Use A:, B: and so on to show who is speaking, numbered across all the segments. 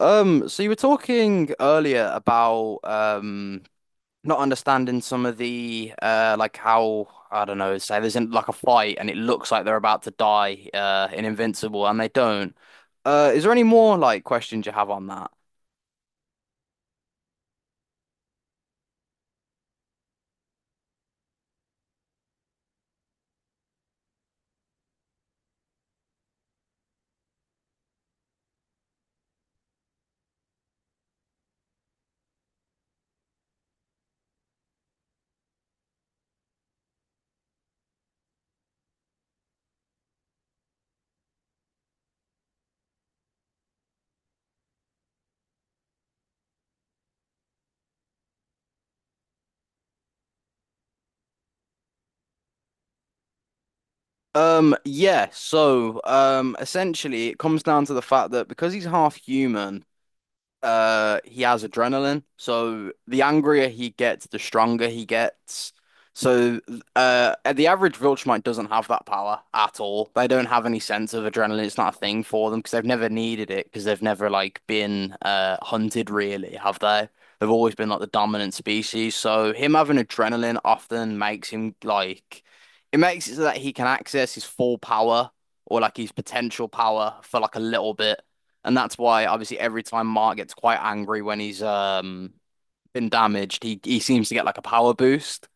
A: So you were talking earlier about not understanding some of the like how, I don't know, say there's in like a fight and it looks like they're about to die in Invincible and they don't. Is there any more like questions you have on that? Yeah, so essentially it comes down to the fact that because he's half human, he has adrenaline, so the angrier he gets the stronger he gets. So the average Viltrumite doesn't have that power at all. They don't have any sense of adrenaline. It's not a thing for them because they've never needed it, because they've never like been hunted really, have they? They've always been like the dominant species, so him having adrenaline often makes him like, it makes it so that he can access his full power, or like his potential power for like a little bit. And that's why obviously every time Mark gets quite angry when he's been damaged, he seems to get like a power boost.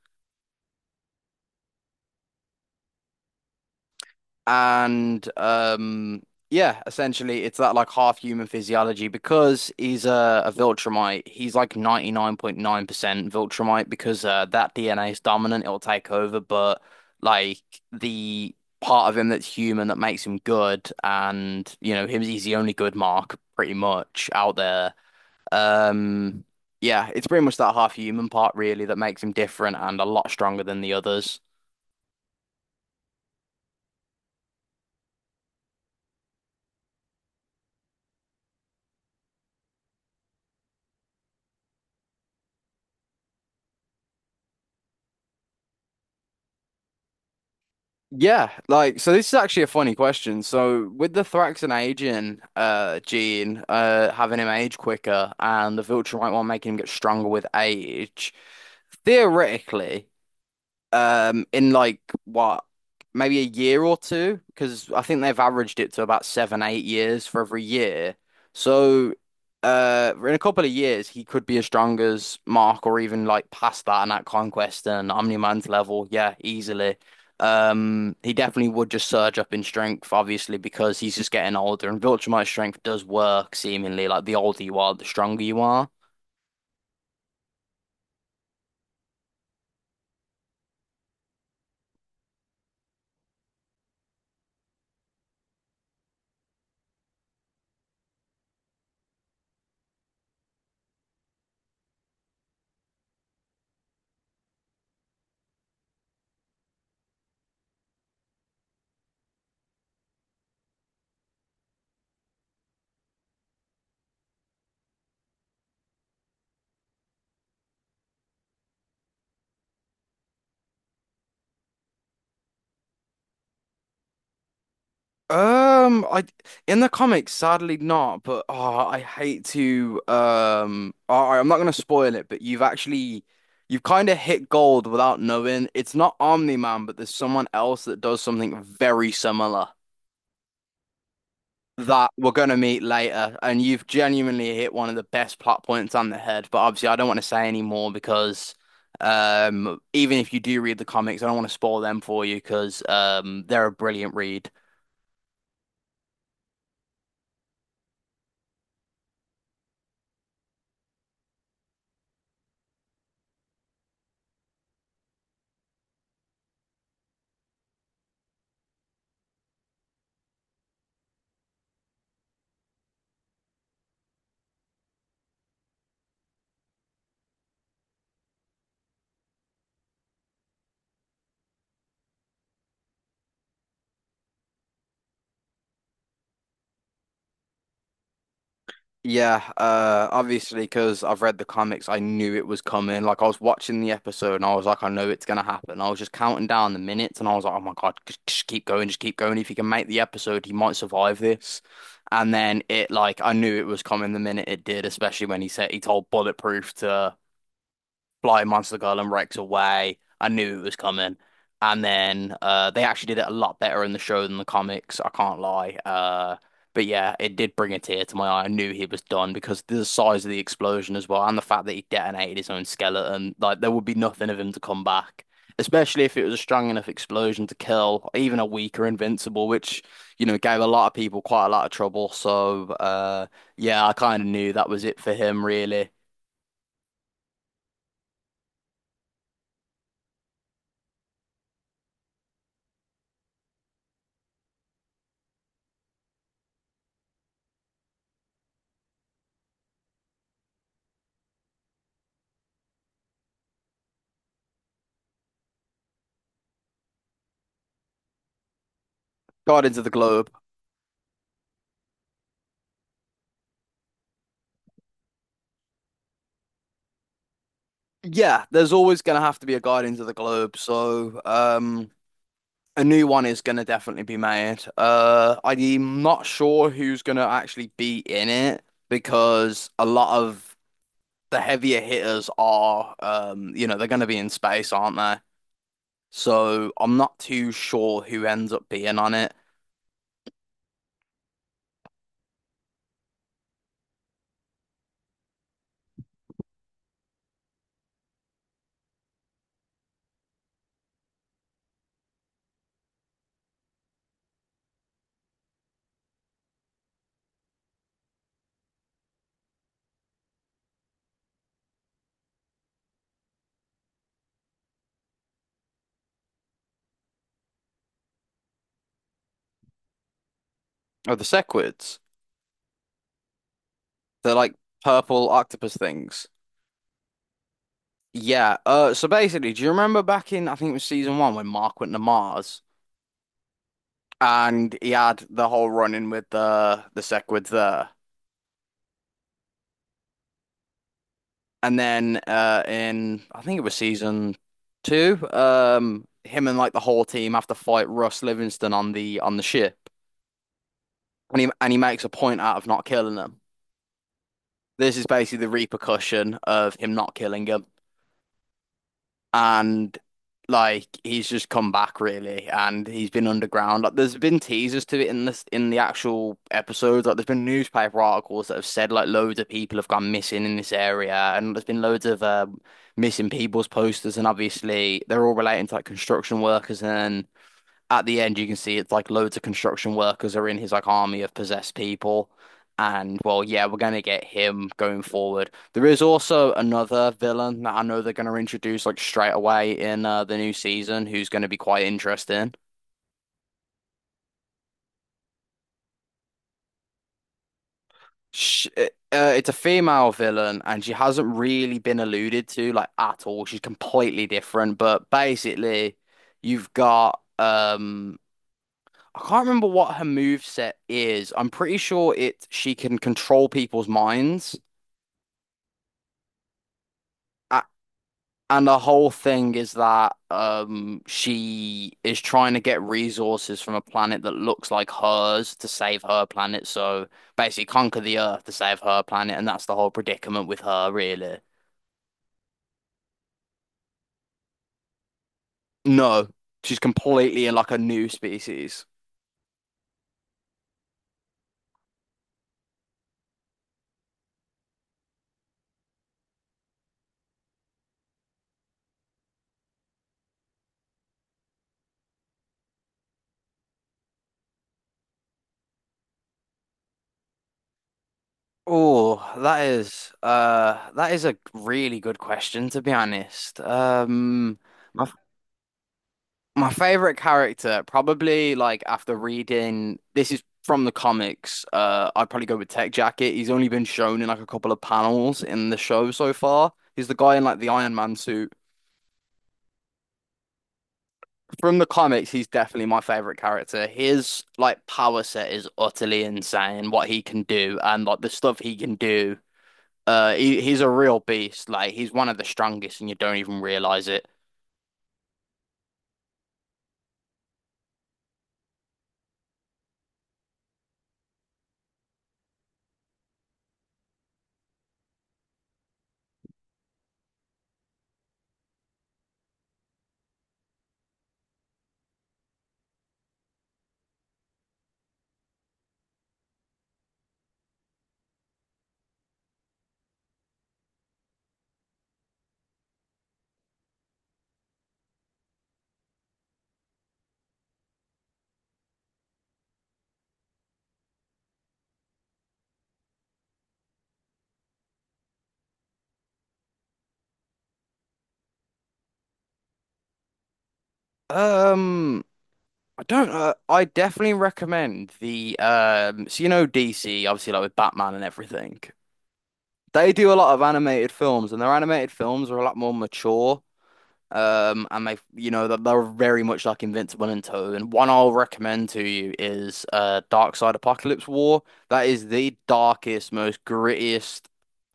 A: And yeah, essentially it's that like half human physiology. Because he's a Viltrumite, he's like 99.9% Viltrumite because that DNA is dominant, it'll take over, but like the part of him that's human, that makes him good, and you know him, he's the only good Mark pretty much out there. Um, yeah, it's pretty much that half human part really that makes him different and a lot stronger than the others. Yeah, like so this is actually a funny question. So with the Thraxan aging gene, having him age quicker, and the Viltrumite one making him get stronger with age, theoretically in like what, maybe a year or two, because I think they've averaged it to about 7-8 years for every year. So in a couple of years he could be as strong as Mark, or even like past that, and at Conquest and Omniman's level, yeah, easily. He definitely would just surge up in strength obviously because he's just getting older, and Viltrumite strength does work seemingly like the older you are the stronger you are. I, in the comics, sadly not, but oh, I hate to all right, I'm not gonna spoil it, but you've actually, you've kind of hit gold without knowing. It's not Omni-Man, but there's someone else that does something very similar that we're gonna meet later, and you've genuinely hit one of the best plot points on the head. But obviously I don't want to say any more because even if you do read the comics, I don't want to spoil them for you, because they're a brilliant read. Yeah, obviously, because I've read the comics, I knew it was coming. Like, I was watching the episode and I was like, I know it's gonna happen. I was just counting down the minutes and I was like, oh my God, just keep going, just keep going. If he can make the episode, he might survive this. And then it, like, I knew it was coming the minute it did, especially when he said he told Bulletproof to Flying Monster Girl and Rex away. I knew it was coming. And then they actually did it a lot better in the show than the comics. I can't lie. But yeah, it did bring a tear to my eye. I knew he was done because the size of the explosion as well, and the fact that he detonated his own skeleton. Like there would be nothing of him to come back, especially if it was a strong enough explosion to kill even a weaker Invincible, which you know gave a lot of people quite a lot of trouble. So yeah, I kind of knew that was it for him, really. Guardians of the Globe. Yeah, there's always going to have to be a Guardians of the Globe, so a new one is going to definitely be made. I'm not sure who's going to actually be in it, because a lot of the heavier hitters are, you know, they're going to be in space, aren't they? So I'm not too sure who ends up being on it. Oh, the Sequids. They're like purple octopus things. Yeah. So basically, do you remember back in, I think it was season one, when Mark went to Mars? And he had the whole run in with the Sequids there. And then in I think it was season two, him and like the whole team have to fight Russ Livingston on the ship. And he makes a point out of not killing them. This is basically the repercussion of him not killing him. And like he's just come back really, and he's been underground. Like there's been teasers to it in this in the actual episodes. Like there's been newspaper articles that have said like loads of people have gone missing in this area, and there's been loads of missing people's posters, and obviously they're all relating to like construction workers. And at the end, you can see it's like loads of construction workers are in his like army of possessed people. And well, yeah, we're gonna get him going forward. There is also another villain that I know they're gonna introduce like straight away in the new season, who's gonna be quite interesting. Sh It's a female villain, and she hasn't really been alluded to like at all. She's completely different, but basically, you've got I can't remember what her move set is. I'm pretty sure it she can control people's minds. A- And the whole thing is that she is trying to get resources from a planet that looks like hers to save her planet. So basically conquer the Earth to save her planet, and that's the whole predicament with her, really. No, she's completely in like a new species. Oh, that is a really good question, to be honest. My favorite character, probably like after reading, this is from the comics. I'd probably go with Tech Jacket. He's only been shown in like a couple of panels in the show so far. He's the guy in like the Iron Man suit. From the comics, he's definitely my favorite character. His like power set is utterly insane. What he can do and like the stuff he can do. He's a real beast. Like he's one of the strongest, and you don't even realize it. Um. I don't I definitely recommend the so you know DC, obviously, like with Batman and everything. They do a lot of animated films, and their animated films are a lot more mature, and they, you know, that they're very much like Invincible and Toad. And one I'll recommend to you is Dark Side Apocalypse War. That is the darkest, most grittiest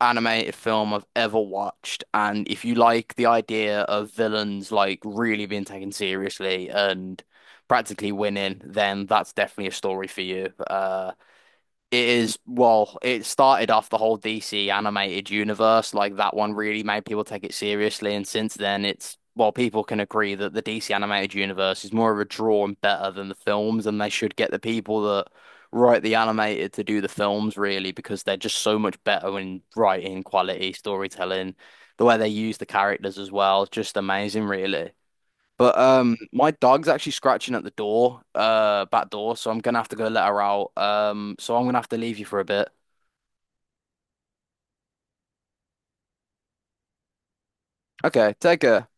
A: animated film I've ever watched. And if you like the idea of villains like really being taken seriously and practically winning, then that's definitely a story for you. It is, well, it started off the whole DC animated universe. Like that one really made people take it seriously. And since then, it's, well, people can agree that the DC animated universe is more of a draw and better than the films. And they should get the people that write the animated to do the films, really, because they're just so much better in writing, quality, storytelling, the way they use the characters as well. Just amazing, really. But my dog's actually scratching at the door, back door, so I'm gonna have to go let her out. So I'm gonna have to leave you for a bit. Okay, take care.